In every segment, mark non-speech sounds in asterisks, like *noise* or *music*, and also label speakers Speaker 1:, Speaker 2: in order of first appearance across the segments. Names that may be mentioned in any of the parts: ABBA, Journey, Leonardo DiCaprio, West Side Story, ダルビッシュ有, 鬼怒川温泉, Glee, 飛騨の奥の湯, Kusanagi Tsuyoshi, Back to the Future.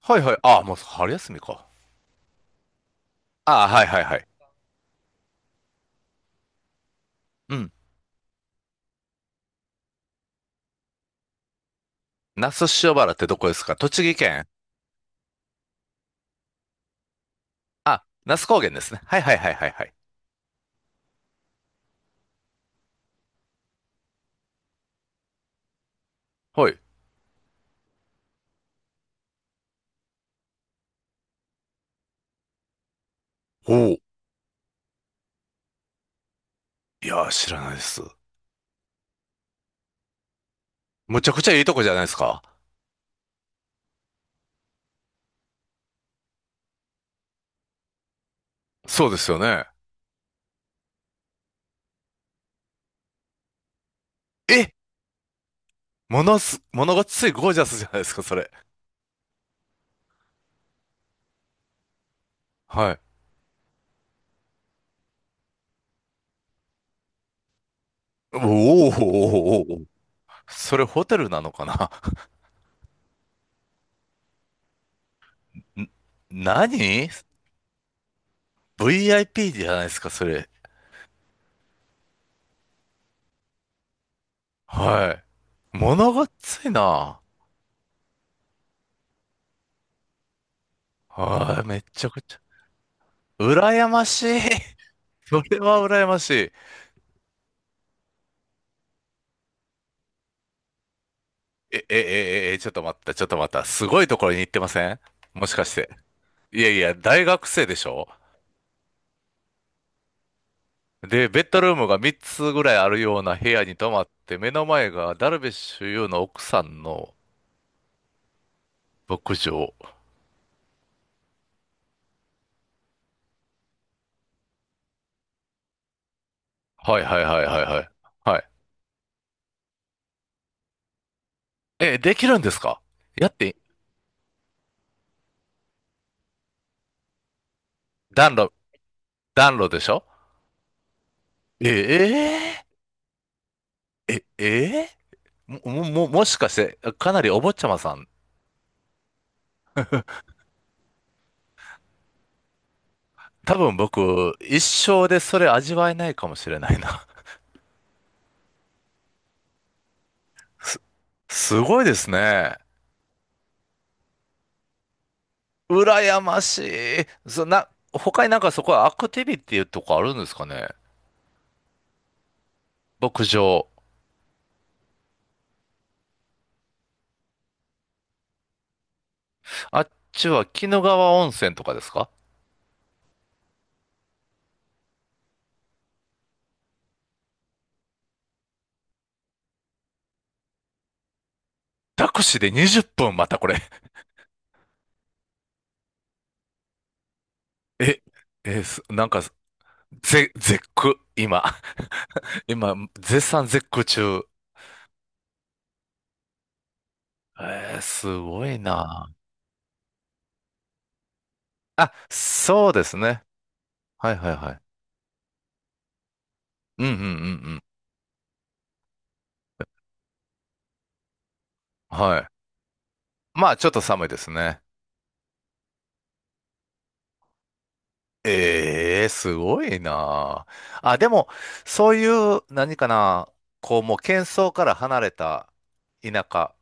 Speaker 1: はいはい。ああ、もう春休みか。ああ、はいはいはい。うん。那須塩原ってどこですか？栃木県？あ、那須高原ですね。はいはいはいはいはい。はい。おお。いやー、知らないです。むちゃくちゃいいとこじゃないですか。そうですよね。え、ものがついゴージャスじゃないですか、それ。はい。おおー、おー、おー、おー。それホテルなのかな？ん。 *laughs* 何？ VIP じゃないですか、それ。はい。ものがついな。はい、めちゃくちゃ。羨ましい。それは羨ましい。え、え、え、え、ちょっと待った、ちょっと待った。すごいところに行ってません？もしかして。いやいや、大学生でしょ？で、ベッドルームが3つぐらいあるような部屋に泊まって、目の前がダルビッシュ有の奥さんの牧場。はいはいはいはいはい。はい。え、できるんですか？やって、暖炉、暖炉でしょ？えええ、えーも、もしかして、かなりお坊ちゃまさん。多分僕、一生でそれ味わえないかもしれないな。す、すごいですね。羨ましい。他になんかそこはアクティビティとかあるんですかね？牧場。あっちは鬼怒川温泉とかですか？タクシーで20分またこれ。え、え、なんか、絶句、今。*laughs* 今、絶賛絶句中。すごいな。あ、そうですね。はいはいはい。うんうんうんうん。はい。まあ、ちょっと寒いですね。ええ、すごいなあ。あ、でも、そういう、何かな、こう、もう、喧騒から離れた田舎、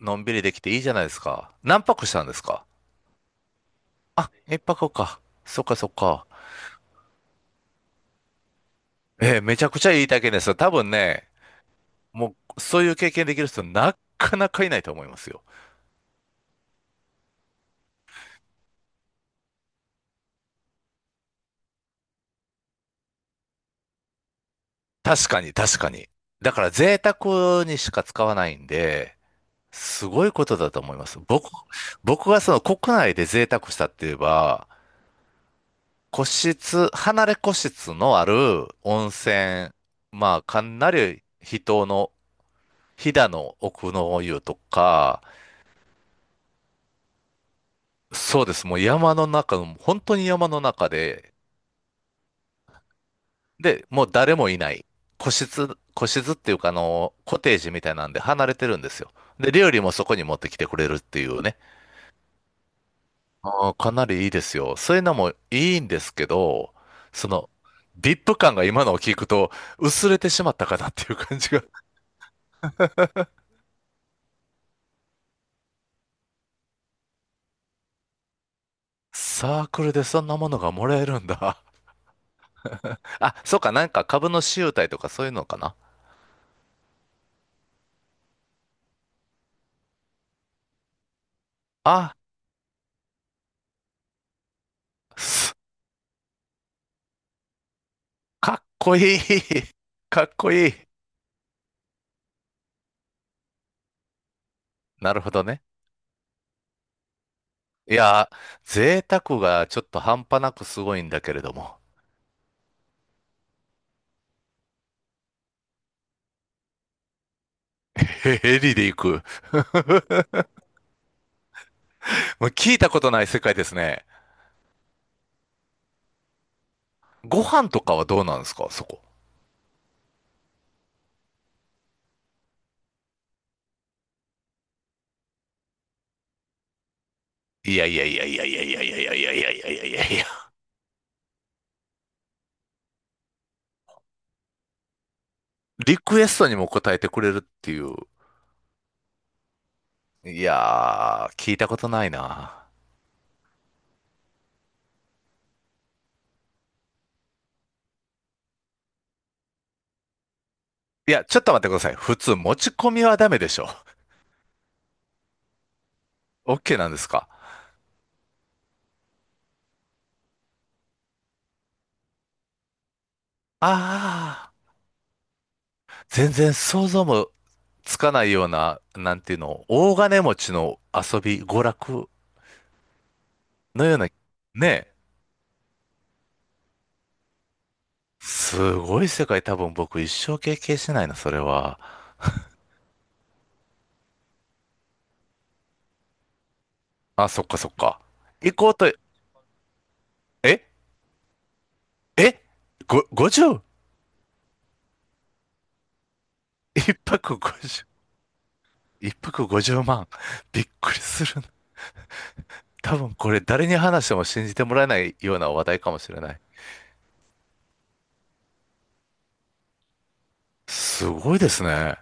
Speaker 1: のんびりできていいじゃないですか。何泊したんですか？あ、一泊か。そっかそっか。ええ、めちゃくちゃいい体験ですよ。多分ね、もう、そういう経験できる人、なかなかいないと思いますよ。確かに、確かに。だから、贅沢にしか使わないんで、すごいことだと思います。僕がその国内で贅沢したって言えば、個室、離れ個室のある温泉、まあ、かなり人の、飛騨の奥の湯とか、そうです、もう山の中本当に山の中で、で、もう誰もいない。個室、個室っていうか、あの、コテージみたいなんで離れてるんですよ。で、料理もそこに持ってきてくれるっていうね。かなりいいですよ。そういうのもいいんですけど、その、ビップ感が今のを聞くと薄れてしまったかなっていう感じが。サークルでそんなものがもらえるんだ。*laughs* あ、そうか、なんか株の集体とかそういうのかな。あ、すかっこいい。*laughs* かっこいい。なるほどね。いやー、贅沢がちょっと半端なくすごいんだけれども。ヘリで行く。もう聞いたことない世界ですね。ご飯とかはどうなんですか、そこ。いやいやいやいやいやいやいやいやいやいやいやいやいやいや。リクエストにも答えてくれるっていう。いやー、聞いたことないな。いや、ちょっと待ってください。普通持ち込みはダメでしょ？OK なんですか？ああ、全然想像もつかないような、なんていうの、大金持ちの遊び、娯楽のような、ねえ。すごい世界多分僕一生経験しないな、それは。あ、そっかそっか。行こうと。ええ、50？ 一泊50、一泊50万。びっくりするな。多分これ誰に話しても信じてもらえないような話題かもしれない。すごいですね。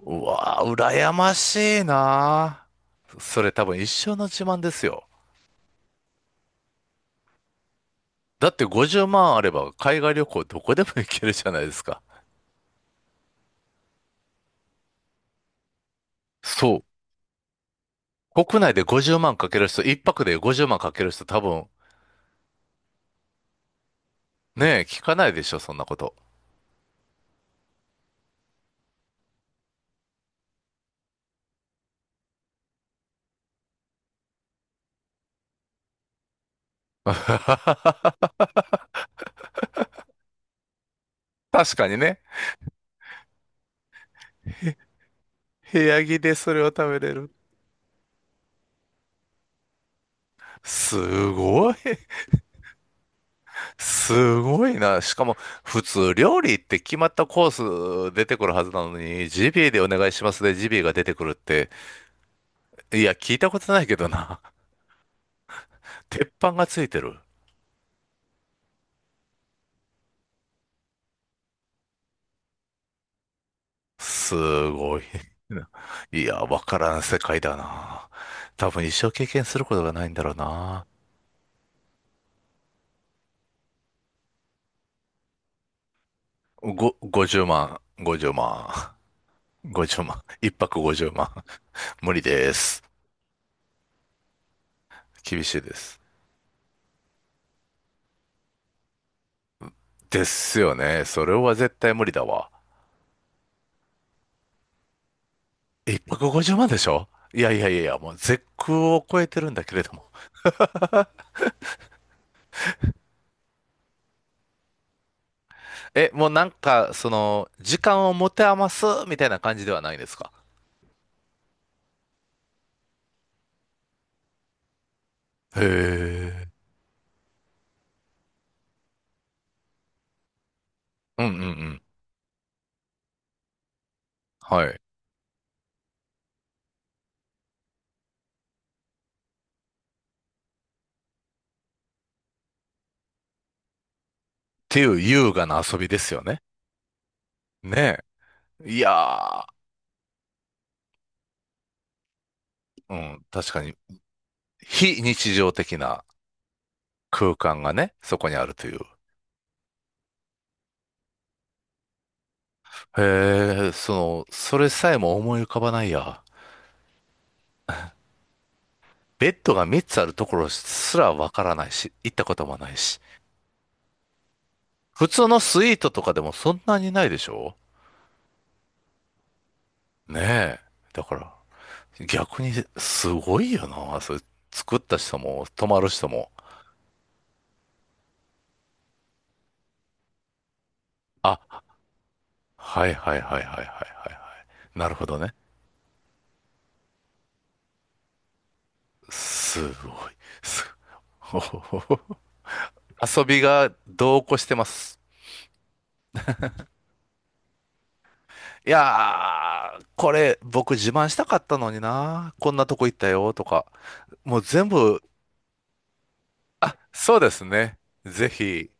Speaker 1: うわー、羨ましいなー。それ多分一生の自慢ですよ。だって50万あれば海外旅行どこでも行けるじゃないですか。そう。国内で50万かける人、一泊で50万かける人多分、ねえ、聞かないでしょ、そんなこと。*laughs* 確かにね。部屋着でそれを食べれる。すごい。すごいな。しかも、普通料理って決まったコース出てくるはずなのに、ジビエでお願いしますでジビエが出てくるって、いや、聞いたことないけどな。*laughs* 鉄板がついてる。すごいな。いや、わからん世界だな。多分一生経験することがないんだろうな。50万、50万、50万、一泊50万。無理です。厳しいです。ですよね。それは絶対無理だわ。一泊50万でしょ？いやいやいやいや、もう絶空を超えてるんだけれども。*laughs* え、もうなんか、その、時間を持て余すみたいな感じではないですか？へえ。うんうんうん。はい。っていう優雅な遊びですよね。ねえ。いやー、うん、確かに、非日常的な空間がね、そこにあるという。へえ、その、それさえも思い浮かばないや。ベッドが3つあるところすらわからないし、行ったこともないし。普通のスイートとかでもそんなにないでしょ？ねえ。だから、逆にすごいよな。それ作った人も、泊まる人も。あ、はいはいはいはいはいはいはい。なるほどね。すごい。すごい *laughs* 遊びが度こしてます。いやー、これ僕自慢したかったのにな。こんなとこ行ったよとか。もう全部、そうですね。ぜひ。